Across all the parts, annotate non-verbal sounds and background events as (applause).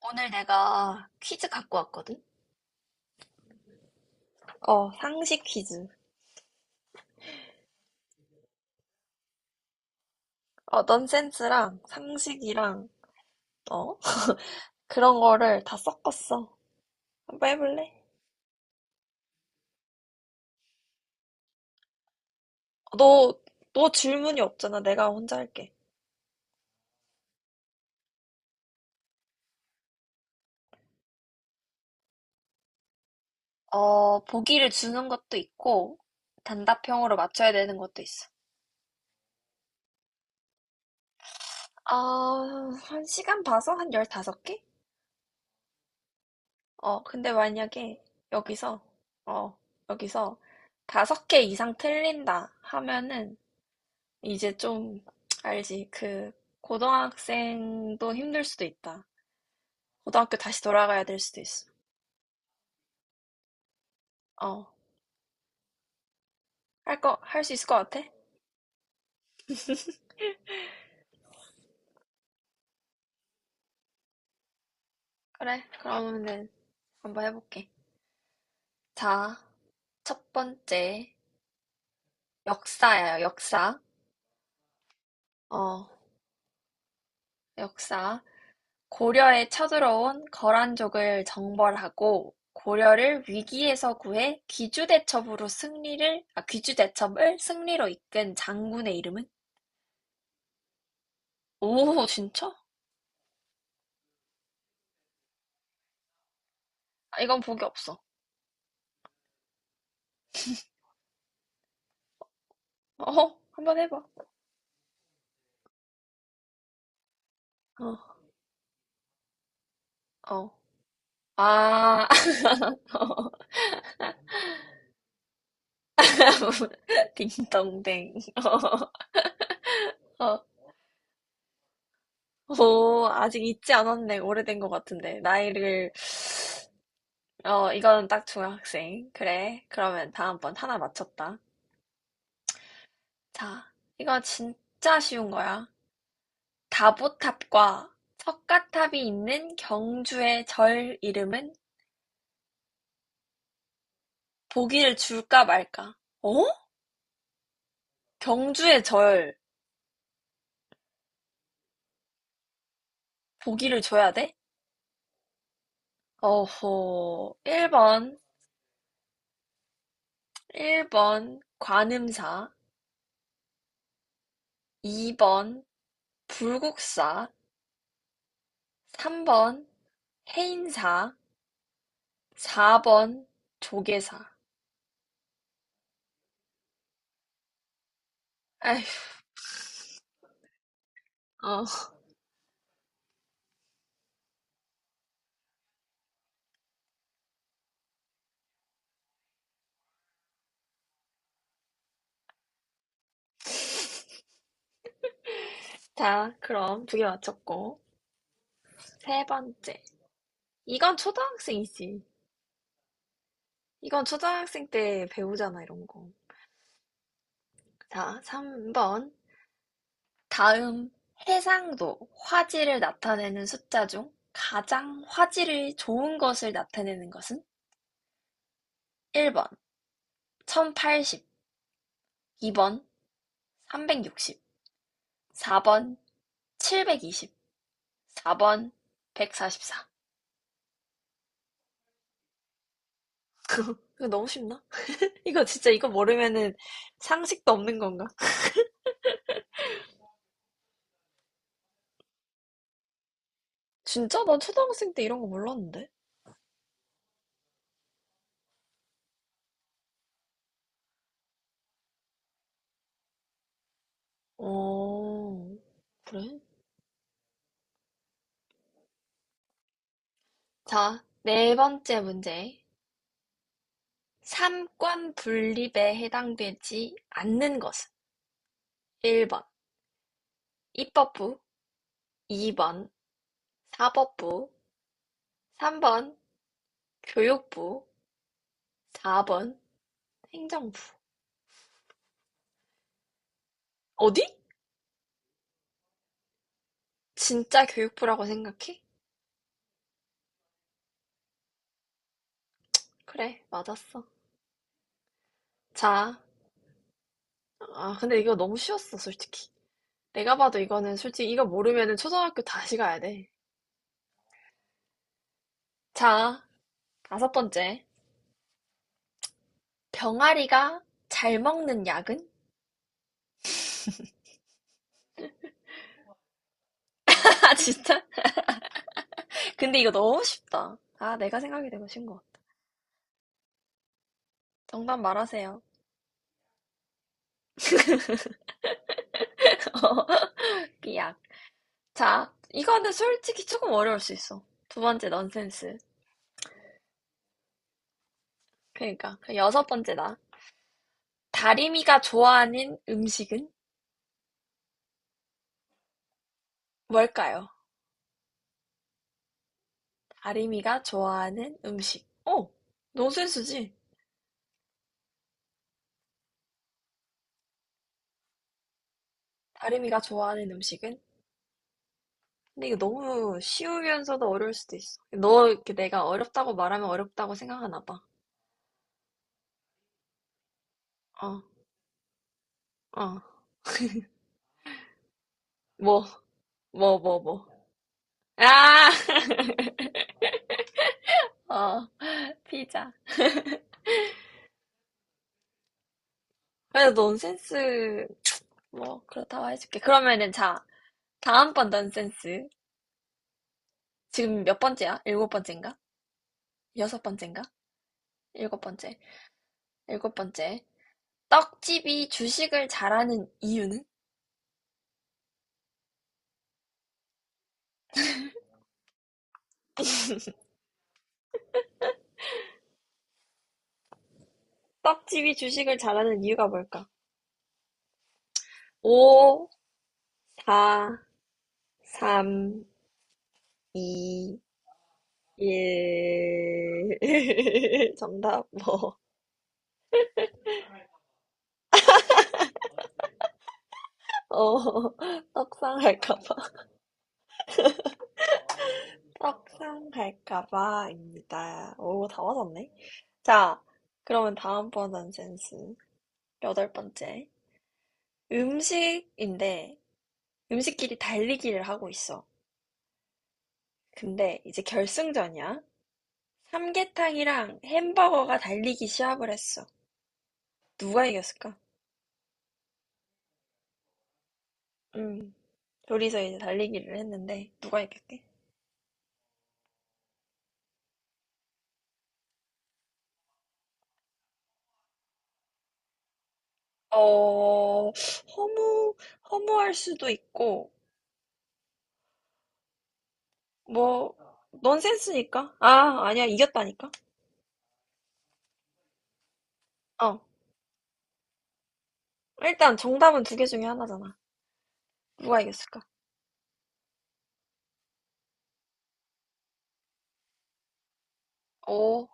오늘 내가 퀴즈 갖고 왔거든? 어, 상식 퀴즈. 어, 넌센스랑 상식이랑, 어? 그런 거를 다 섞었어. 한번 해볼래? 너, 너 질문이 없잖아. 내가 혼자 할게. 어, 보기를 주는 것도 있고, 단답형으로 맞춰야 되는 것도 있어. 아, 한 시간 봐서 한 15개? 근데 만약에 여기서, 어, 여기서 5개 이상 틀린다 하면은 이제 좀 알지. 그 고등학생도 힘들 수도 있다. 고등학교 다시 돌아가야 될 수도 있어. 어, 할 수 있을 것 같아? 그래, 그러면은 한번 해볼게. 자, 첫 번째 역사야, 역사. 어, 역사. 고려에 쳐들어온 거란족을 정벌하고 고려를 위기에서 구해 귀주대첩을 승리로 이끈 장군의 이름은? 오, 진짜? 아, 이건 복이 없어. 어, 한번 해봐. 어, 어. 아, (laughs) 딩동댕. 어, 어. 오, 아직 잊지 않았네. 오래된 것 같은데. 나이를, 어, 이건 딱 중학생. 그래. 그러면 다음번 하나 맞췄다. 자, 이거 진짜 쉬운 거야. 다보탑과 석가탑이 있는 경주의 절 이름은 보기를 줄까 말까? 어? 경주의 절, 보기를 줘야 돼? 어호, 1번 일 번 관음사, 2번 불국사, 3번 해인사, 4번 조계사. 아휴, 어, 자, 그럼 두 개 맞췄고. 세 번째. 이건 초등학생이지. 이건 초등학생 때 배우잖아, 이런 거. 자, 3번. 다음 해상도, 화질을 나타내는 숫자 중 가장 화질이 좋은 것을 나타내는 것은? 1번, 1080, 2번, 360. 4번, 720. 4번, 144. (laughs) 이거 너무 쉽나? 이거 진짜 이거 모르면은 상식도 없는 건가? 진짜? 난 초등학생 때 이런 거 몰랐는데. 어, 그래? 자, 네 번째 문제. 삼권 분립에 해당되지 않는 것은 1번 입법부, 2번 사법부, 3번 교육부, 4번 행정부. 어디? 진짜 교육부라고 생각해? 그래, 맞았어. 자, 근데 이거 너무 쉬웠어, 솔직히. 내가 봐도 이거는 솔직히 이거 모르면은 초등학교 다시 가야 돼. 자, 다섯 번째. 병아리가 잘 먹는 약은? (laughs) 아, 진짜? 근데 이거 너무 쉽다. 아, 내가 생각이 되고 쉰 거. 정답 말하세요. 삐약. 자, 이거는 솔직히 조금 어려울 수 있어. 두 번째 넌센스. 그러니까. 그 여섯 번째다. 다리미가 좋아하는 음식은 뭘까요? 다리미가 좋아하는 음식. 어, 넌센스지? 다름이가 좋아하는 음식은? 근데 이거 너무 쉬우면서도 어려울 수도 있어. 너 이렇게 내가 어렵다고 말하면 어렵다고 생각하나 봐. 어, 어. 뭐, 뭐, 뭐, 뭐. 아! (laughs) 어, 피자. 그래도 넌센스, 뭐, 그렇다고 해줄게. 그러면은 자, 다음번 넌센스. 지금 몇 번째야? 일곱 번째인가? 여섯 번째인가? 일곱 번째. 일곱 번째. 떡집이 주식을 잘하는 이유는? 떡집이 주식을 잘하는 이유가 뭘까? 오, 다 3, 2, 1. (laughs) 정답 뭐? 어, (laughs) 떡상할까봐. 떡상할까봐입니다. 오, 다 맞았네. 자, 그러면 다음번 넌센스. 여덟 번째. 음식인데, 음식끼리 달리기를 하고 있어. 근데 이제 결승전이야. 삼계탕이랑 햄버거가 달리기 시합을 했어. 누가 이겼을까? 음, 둘이서 이제 달리기를 했는데, 누가 이겼게? 어, 허무할 수도 있고, 뭐, 넌센스니까? 아, 아니야, 이겼다니까? 어. 일단 정답은 두 개 중에 하나잖아. 누가 이겼을까? 오,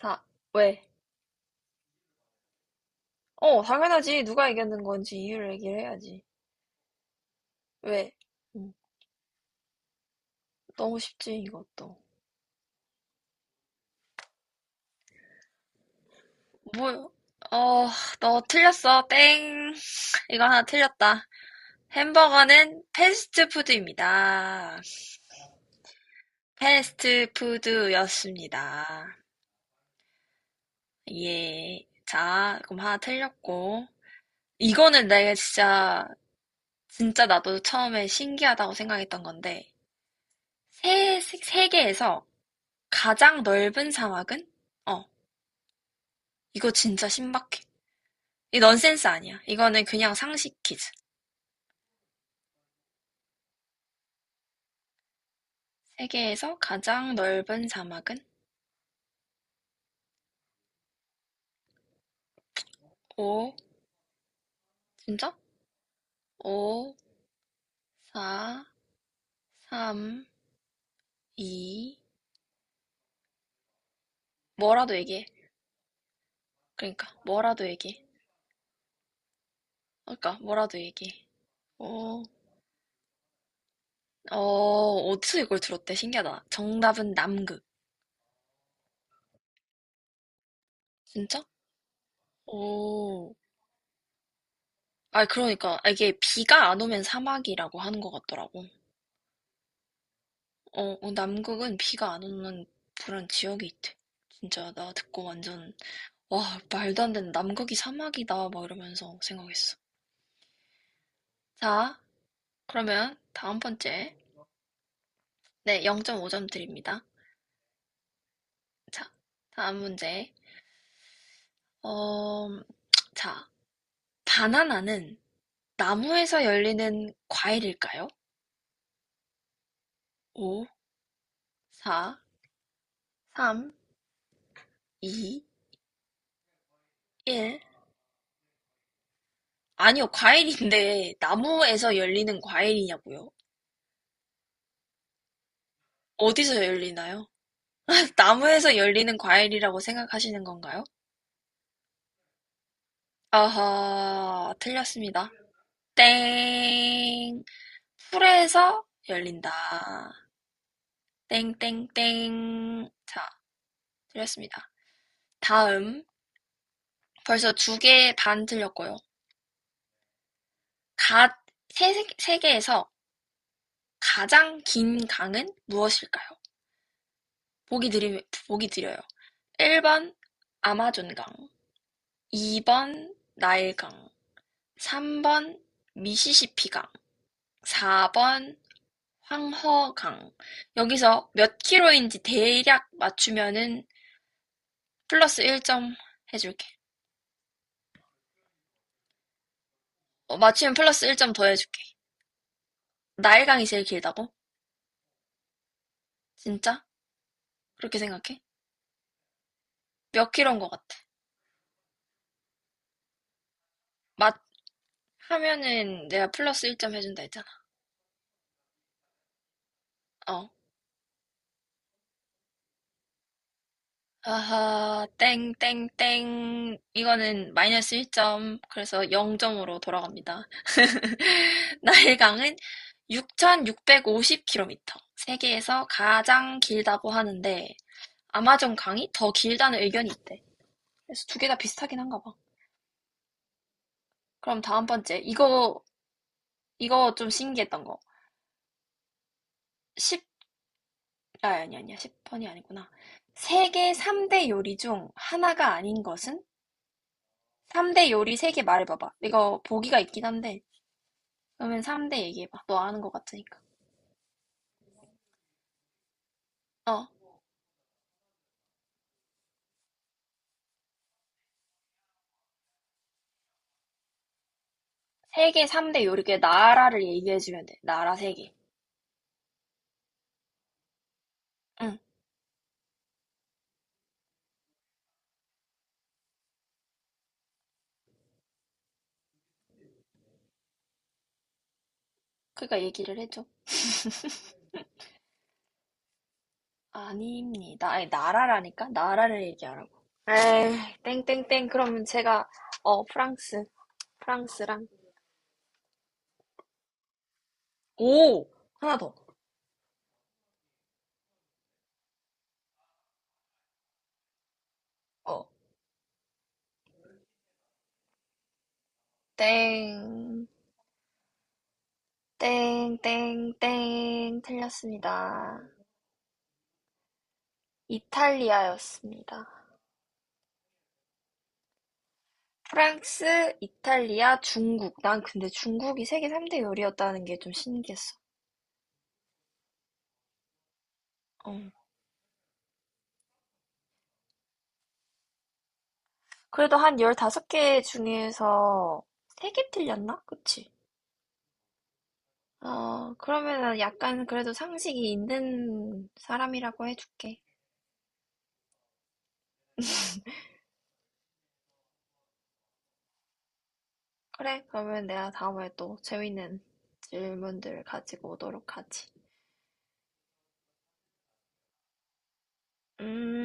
사, 왜? 어, 당연하지. 누가 이겼는 건지 이유를 얘기를 해야지. 왜? 음, 너무 쉽지, 이것도. 뭐, 어, 너 틀렸어. 땡. 이거 하나 틀렸다. 햄버거는 패스트푸드입니다. 패스트푸드였습니다. 예. 자, 그럼 하나 틀렸고. 이거는 내가 진짜, 진짜 나도 처음에 신기하다고 생각했던 건데, 세계에서 가장 넓은 사막은? 어, 이거 진짜 신박해. 이 넌센스 아니야. 이거는 그냥 상식 퀴즈. 세계에서 가장 넓은 사막은? 오, 진짜? 오, 사, 삼, 이. 뭐라도 얘기해. 그러니까, 뭐라도 얘기해. 그러니까, 뭐라도 얘기해. 오 어, 어디서 이걸 들었대? 신기하다. 정답은 남극. 진짜? 오. 아, 그러니까 이게 비가 안 오면 사막이라고 하는 것 같더라고. 어, 어, 남극은 비가 안 오는 그런 지역이 있대. 진짜 나 듣고 완전 와, 말도 안 되는 남극이 사막이다 막 이러면서 생각했어. 자, 그러면 다음 번째. 네, 0.5점 드립니다. 자, 다음 문제. 어, 자, 바나나는 나무에서 열리는 과일일까요? 오 4, 3, 2, 1. 아니요, 과일인데 나무에서 열리는 과일이냐고요? 어디서 열리나요? (laughs) 나무에서 열리는 과일이라고 생각하시는 건가요? 아하, 틀렸습니다. 땡. 풀에서 열린다. 땡땡땡. 자, 틀렸습니다. 다음. 벌써 두 개 반 틀렸고요. 가, 세 개에서 가장 긴 강은 무엇일까요? 보기 드려요. 1번 아마존강, 2번 나일강, 3번 미시시피강, 4번 황허강. 여기서 몇 킬로인지 대략 맞추면은 플러스 1점 해줄게. 어, 맞추면 플러스 1점 더 해줄게. 나일강이 제일 길다고? 진짜? 그렇게 생각해? 몇 킬로인 것 같아? 맞 하면은 내가 플러스 1점 해준다 했잖아. 어. 아하, 땡, 땡, 땡. 이거는 마이너스 1점. 그래서 0점으로 돌아갑니다. (laughs) 나일강은 6,650km. 세계에서 가장 길다고 하는데, 아마존 강이 더 길다는 의견이 있대. 그래서 두개 다 비슷하긴 한가 봐. 그럼 다음 번째. 이거 좀 신기했던 거. 10, 아, 아니, 아니야. 십 번이 아니구나. 세계 3대 요리 중 하나가 아닌 것은? 3대 요리 세 개 말해봐봐. 이거 보기가 있긴 한데, 그러면 3대 얘기해봐. 너 아는 것 같으니까. 어. 세계 3대 요리계 나라를 얘기해주면 돼. 나라 세개 응. 그러니까 얘기를 해줘. 아닙니다. 아니, 나라라니까? 나라를 얘기하라고. 에이, 땡땡땡. 그러면 제가, 어, 프랑스. 프랑스랑. 오! 하나 더. 어. 땡. 땡 땡땡. 틀렸습니다. 이탈리아였습니다. 프랑스, 이탈리아, 중국. 난 근데 중국이 세계 3대 요리였다는 게 좀 신기했어. 어. 그래도 한 15개 중에서 3개 틀렸나? 그치? 어, 그러면은 약간 그래도 상식이 있는 사람이라고 해줄게. 그래, 그러면 내가 다음에 또 재밌는 질문들 가지고 오도록 하지. 음.